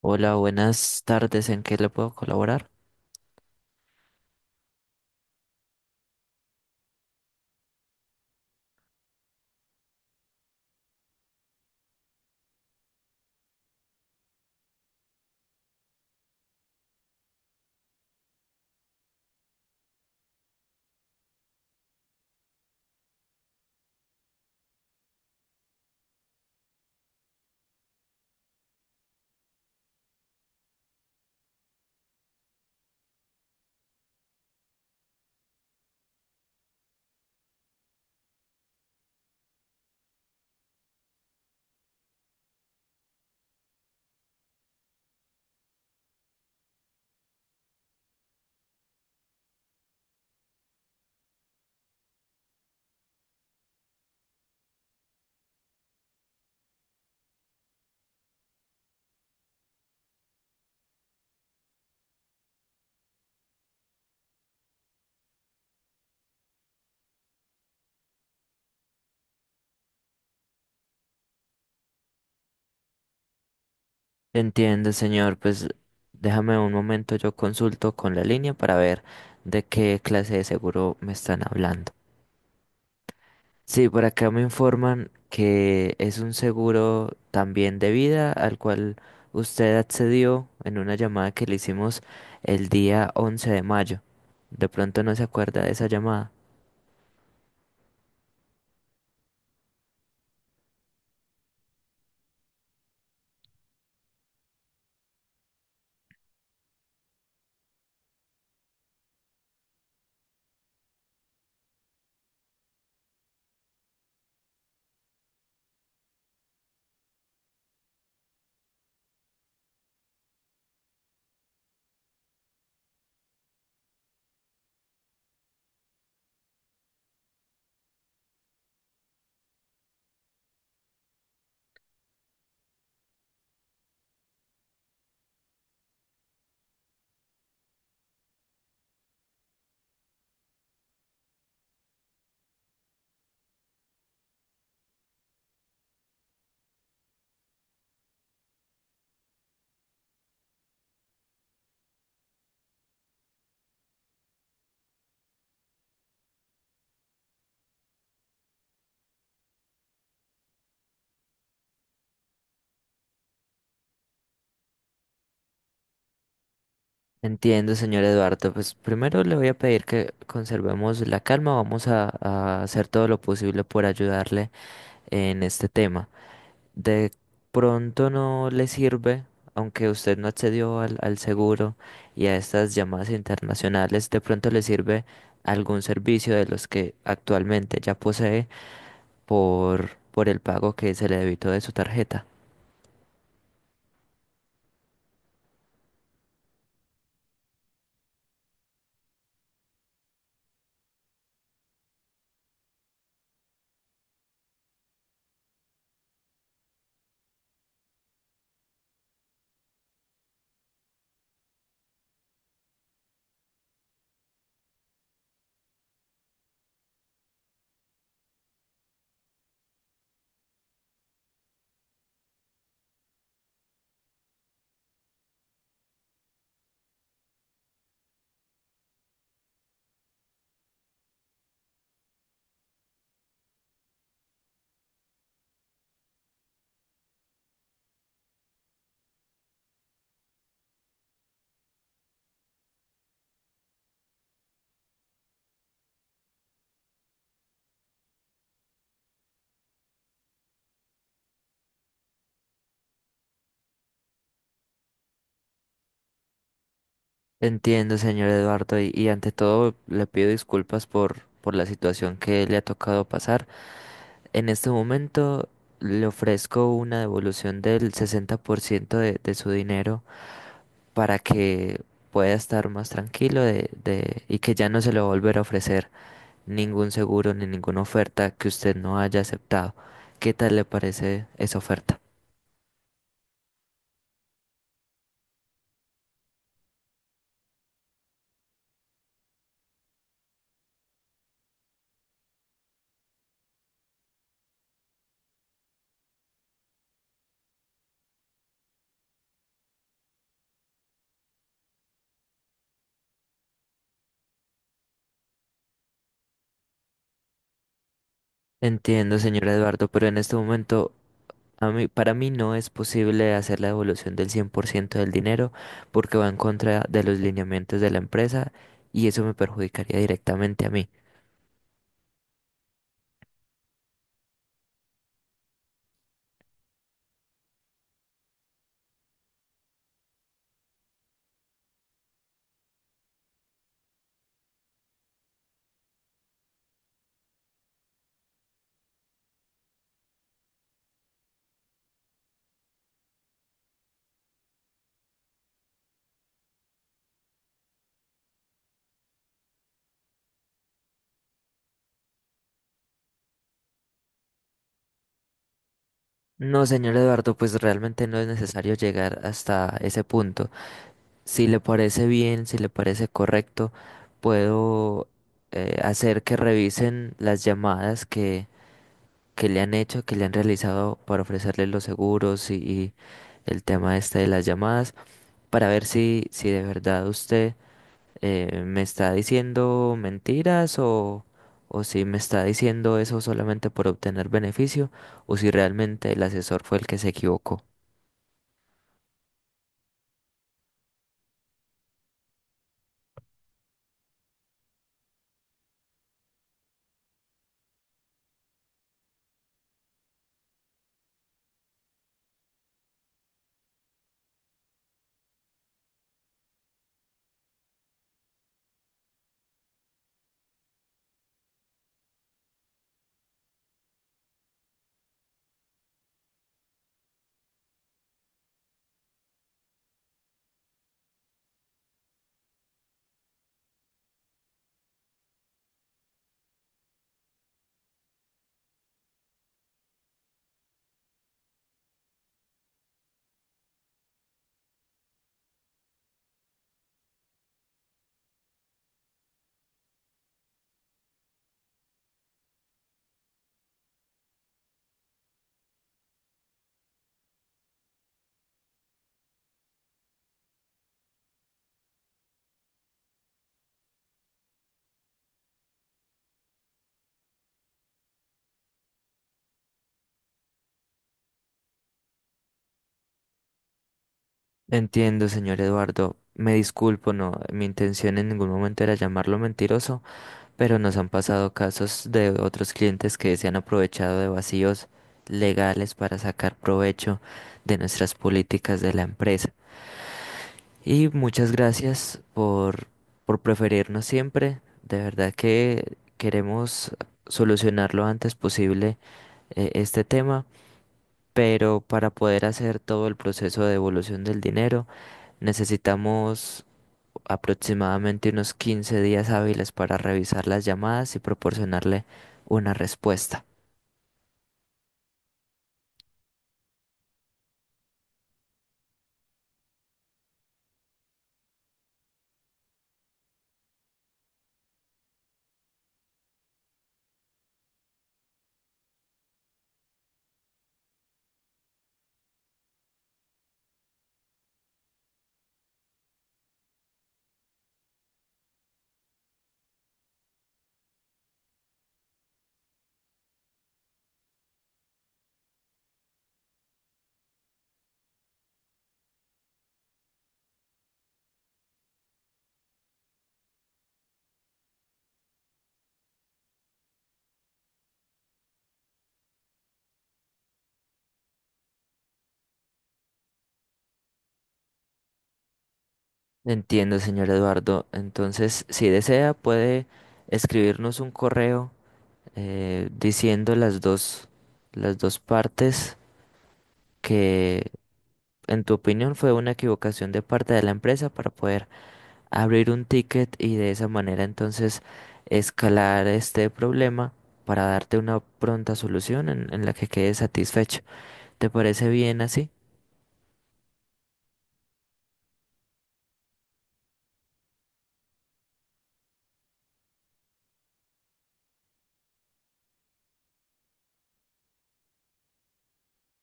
Hola, buenas tardes. ¿En qué le puedo colaborar? Entiende, señor. Pues déjame un momento, yo consulto con la línea para ver de qué clase de seguro me están hablando. Sí, por acá me informan que es un seguro también de vida al cual usted accedió en una llamada que le hicimos el día 11 de mayo. De pronto no se acuerda de esa llamada. Entiendo, señor Eduardo. Pues primero le voy a pedir que conservemos la calma. Vamos a hacer todo lo posible por ayudarle en este tema. De pronto no le sirve, aunque usted no accedió al seguro y a estas llamadas internacionales, de pronto le sirve algún servicio de los que actualmente ya posee por el pago que se le debitó de su tarjeta. Entiendo, señor Eduardo, y ante todo le pido disculpas por la situación que le ha tocado pasar. En este momento le ofrezco una devolución del 60% de su dinero para que pueda estar más tranquilo y que ya no se le va a volver a ofrecer ningún seguro ni ninguna oferta que usted no haya aceptado. ¿Qué tal le parece esa oferta? Entiendo, señor Eduardo, pero en este momento para mí no es posible hacer la devolución del 100% del dinero porque va en contra de los lineamientos de la empresa y eso me perjudicaría directamente a mí. No, señor Eduardo, pues realmente no es necesario llegar hasta ese punto. Si le parece bien, si le parece correcto, puedo hacer que revisen las llamadas que le han hecho, que le han realizado para ofrecerle los seguros y el tema este de las llamadas, para ver si de verdad usted ¿me está diciendo mentiras o si me está diciendo eso solamente por obtener beneficio o si realmente el asesor fue el que se equivocó? Entiendo, señor Eduardo. Me disculpo, no, mi intención en ningún momento era llamarlo mentiroso, pero nos han pasado casos de otros clientes que se han aprovechado de vacíos legales para sacar provecho de nuestras políticas de la empresa. Y muchas gracias por preferirnos siempre. De verdad que queremos solucionar lo antes posible este tema, pero para poder hacer todo el proceso de devolución del dinero necesitamos aproximadamente unos 15 días hábiles para revisar las llamadas y proporcionarle una respuesta. Entiendo, señor Eduardo. Entonces, si desea, puede escribirnos un correo diciendo las dos partes que, en tu opinión, fue una equivocación de parte de la empresa para poder abrir un ticket y de esa manera entonces escalar este problema para darte una pronta solución en la que quedes satisfecho. ¿Te parece bien así?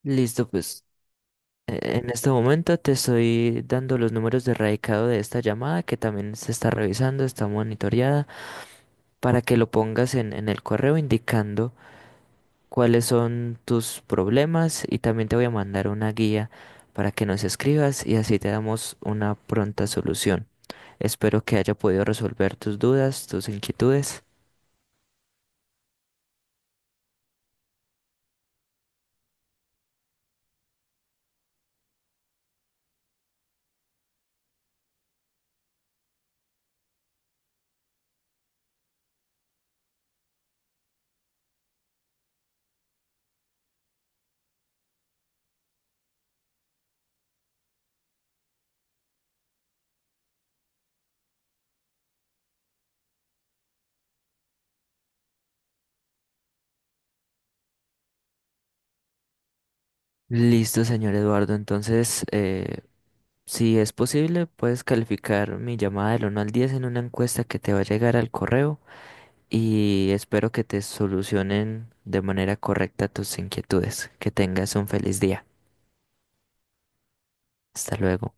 Listo, pues. En este momento te estoy dando los números de radicado de esta llamada que también se está revisando, está monitoreada, para que lo pongas en el correo indicando cuáles son tus problemas y también te voy a mandar una guía para que nos escribas y así te damos una pronta solución. Espero que haya podido resolver tus dudas, tus inquietudes. Listo, señor Eduardo. Entonces, si es posible, puedes calificar mi llamada del uno al 10 en una encuesta que te va a llegar al correo y espero que te solucionen de manera correcta tus inquietudes. Que tengas un feliz día. Hasta luego.